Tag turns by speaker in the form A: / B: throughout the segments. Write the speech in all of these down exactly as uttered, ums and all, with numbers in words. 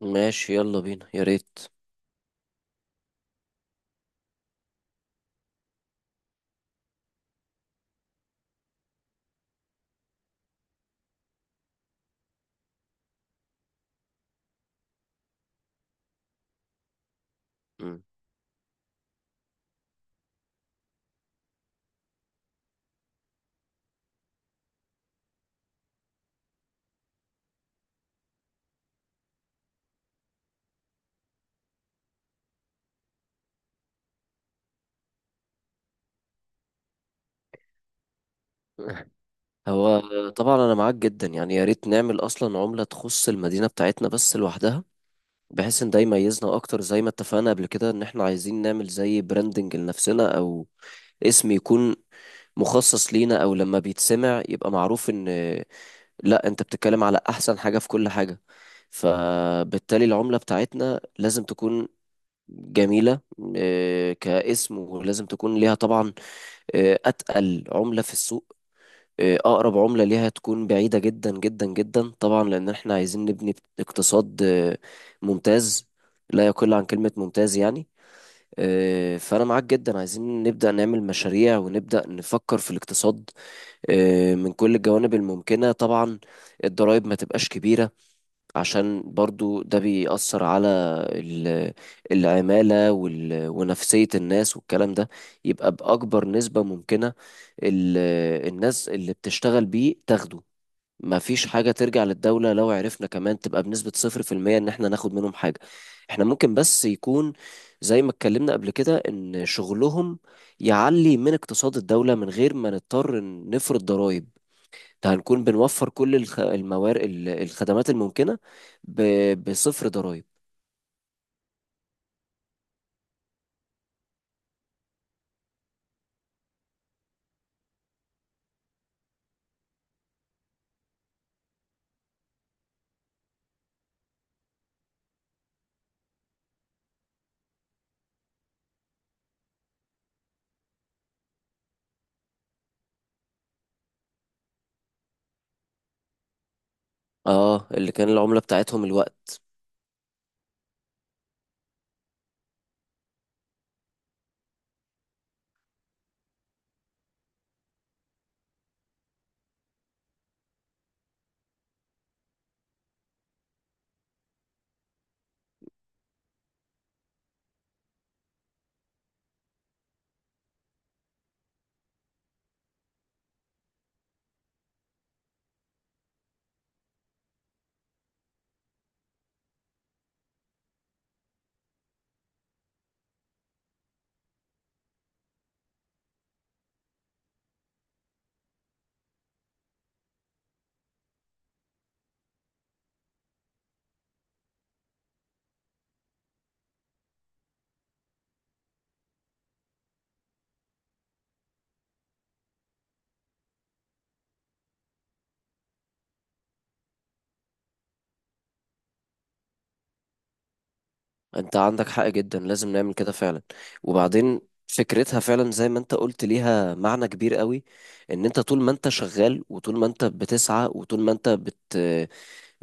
A: ماشي يلا بينا يا ريت. مم. هو طبعا انا معاك جدا، يعني يا ريت نعمل اصلا عملة تخص المدينة بتاعتنا بس لوحدها، بحيث ان ده يميزنا اكتر زي ما اتفقنا قبل كده ان احنا عايزين نعمل زي براندنج لنفسنا او اسم يكون مخصص لينا، او لما بيتسمع يبقى معروف ان لا انت بتتكلم على احسن حاجة في كل حاجة. فبالتالي العملة بتاعتنا لازم تكون جميلة آه، كاسم، ولازم تكون ليها طبعا آه، أتقل عملة في السوق، آه، أقرب عملة ليها تكون بعيدة جدا جدا جدا طبعا، لأن احنا عايزين نبني اقتصاد آه، ممتاز، لا يقل عن كلمة ممتاز يعني. آه، فأنا معاك جدا، عايزين نبدأ نعمل مشاريع ونبدأ نفكر في الاقتصاد آه، من كل الجوانب الممكنة طبعا. الضرائب ما تبقاش كبيرة عشان برضو ده بيأثر على ال- العمالة وال- ونفسية الناس والكلام ده، يبقى بأكبر نسبة ممكنة ال- الناس اللي بتشتغل بيه تاخده. ما فيش حاجة ترجع للدولة، لو عرفنا كمان تبقى بنسبة صفر في المية إن احنا ناخد منهم حاجة. احنا ممكن بس يكون زي ما اتكلمنا قبل كده إن شغلهم يعلي من اقتصاد الدولة من غير ما نضطر نفرض ضرائب. هنكون بنوفر كل الخ... الموارد الخدمات الممكنة ب... بصفر ضرائب. اه، اللي كان العملة بتاعتهم الوقت. انت عندك حق جدا، لازم نعمل كده فعلا. وبعدين فكرتها فعلا زي ما انت قلت ليها معنى كبير قوي، ان انت طول ما انت شغال وطول ما انت بتسعى وطول ما انت بت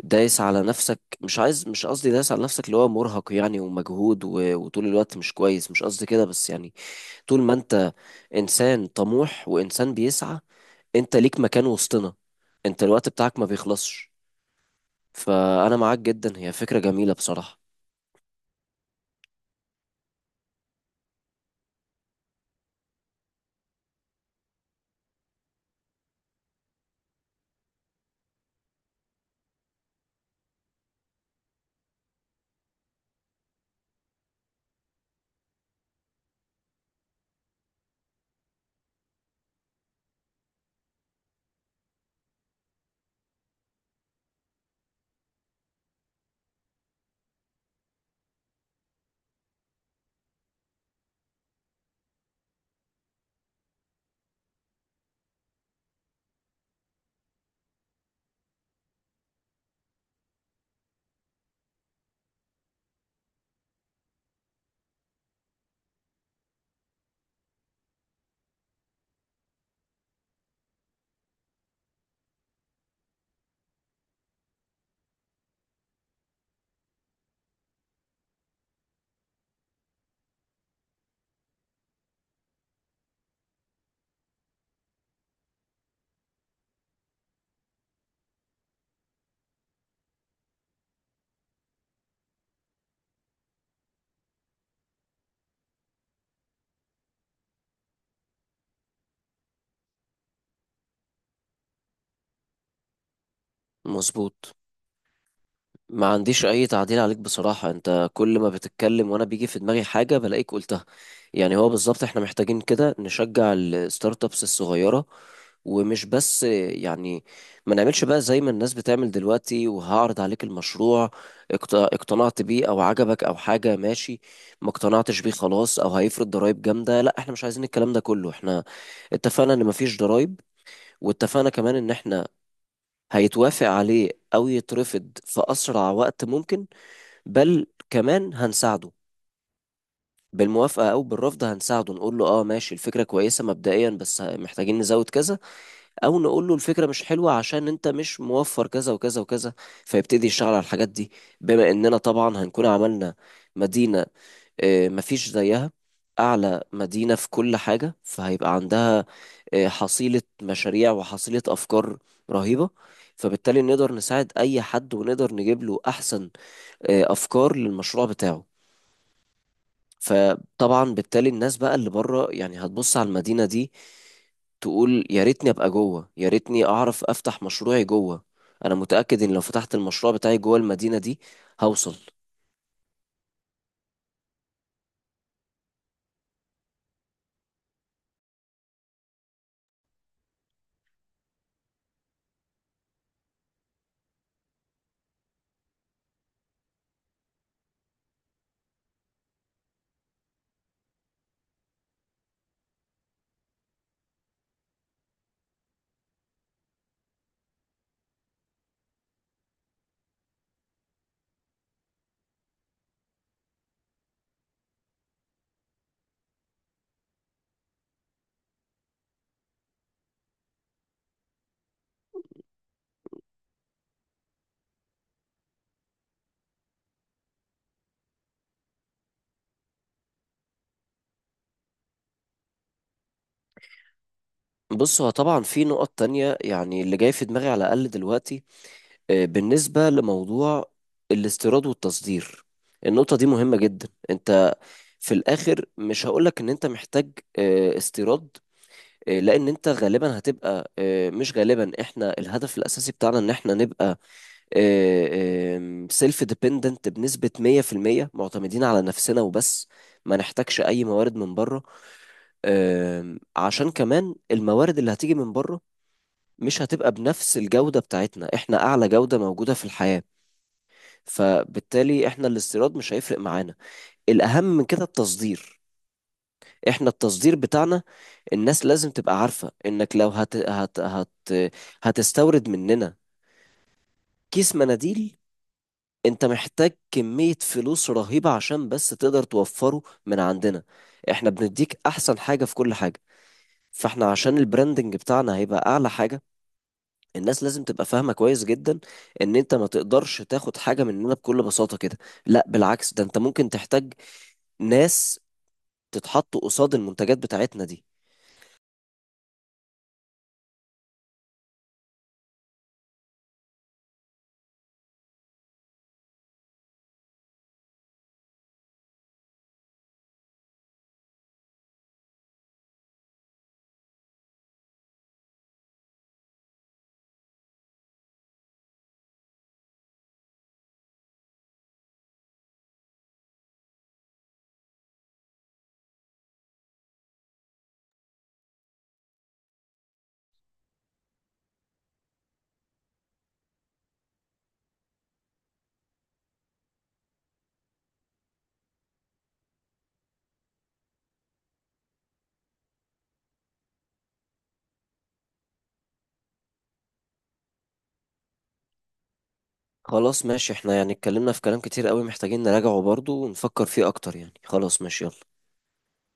A: دايس على نفسك، مش عايز، مش قصدي دايس على نفسك اللي هو مرهق يعني ومجهود و... وطول الوقت مش كويس، مش قصدي كده بس يعني طول ما انت انسان طموح وانسان بيسعى، انت ليك مكان وسطنا، انت الوقت بتاعك ما بيخلصش. فانا معاك جدا، هي فكرة جميلة بصراحة. مظبوط، ما عنديش اي تعديل عليك بصراحة، انت كل ما بتتكلم وانا بيجي في دماغي حاجة بلاقيك قلتها. يعني هو بالظبط احنا محتاجين كده نشجع الستارت ابس الصغيرة. ومش بس يعني ما نعملش بقى زي ما الناس بتعمل دلوقتي، وهعرض عليك المشروع اقت- اقتنعت بيه او عجبك او حاجة ماشي، ما اقتنعتش بيه خلاص، او هيفرض ضرائب جامدة. لا احنا مش عايزين الكلام ده كله. احنا اتفقنا ان مفيش ضرائب، واتفقنا كمان ان احنا هيتوافق عليه او يترفض في اسرع وقت ممكن، بل كمان هنساعده بالموافقة أو بالرفض. هنساعده نقول له اه ماشي الفكرة كويسة مبدئيا بس محتاجين نزود كذا، أو نقول له الفكرة مش حلوة عشان أنت مش موفر كذا وكذا وكذا، فيبتدي يشتغل على الحاجات دي، بما إننا طبعا هنكون عملنا مدينة آه، مفيش زيها، أعلى مدينة في كل حاجة، فهيبقى عندها آه، حصيلة مشاريع وحصيلة أفكار رهيبة، فبالتالي نقدر نساعد أي حد ونقدر نجيب له أحسن آه، أفكار للمشروع بتاعه. فطبعا بالتالي الناس بقى اللي بره يعني هتبص على المدينة دي، تقول يا ريتني ابقى جوه، يا ريتني اعرف افتح مشروعي جوه. انا متأكد ان لو فتحت المشروع بتاعي جوه المدينة دي هوصل. بص هو طبعا في نقط تانية يعني اللي جاي في دماغي على الأقل دلوقتي، آه، بالنسبة لموضوع الاستيراد والتصدير، النقطة دي مهمة جدا. انت في الآخر مش هقولك ان انت محتاج آه، استيراد، آه، لأن انت غالبا هتبقى آه، مش غالبا، احنا الهدف الأساسي بتاعنا ان احنا نبقى سيلف ديبندنت بنسبة مية في المية معتمدين على نفسنا وبس، ما نحتاجش أي موارد من بره. آم، عشان كمان الموارد اللي هتيجي من بره مش هتبقى بنفس الجودة بتاعتنا، احنا أعلى جودة موجودة في الحياة. فبالتالي احنا الاستيراد مش هيفرق معانا. الأهم من كده التصدير. احنا التصدير بتاعنا، الناس لازم تبقى عارفة انك لو هت... هت... هت... هتستورد مننا كيس مناديل، انت محتاج كمية فلوس رهيبة عشان بس تقدر توفره من عندنا. احنا بنديك احسن حاجة في كل حاجة، فاحنا عشان البراندنج بتاعنا هيبقى اعلى حاجة، الناس لازم تبقى فاهمة كويس جدا ان انت ما تقدرش تاخد حاجة مننا بكل بساطة كده. لا بالعكس، ده انت ممكن تحتاج ناس تتحط قصاد المنتجات بتاعتنا دي. خلاص ماشي، احنا يعني اتكلمنا في كلام كتير قوي محتاجين نراجعه برضو ونفكر فيه اكتر يعني، خلاص ماشي يلا.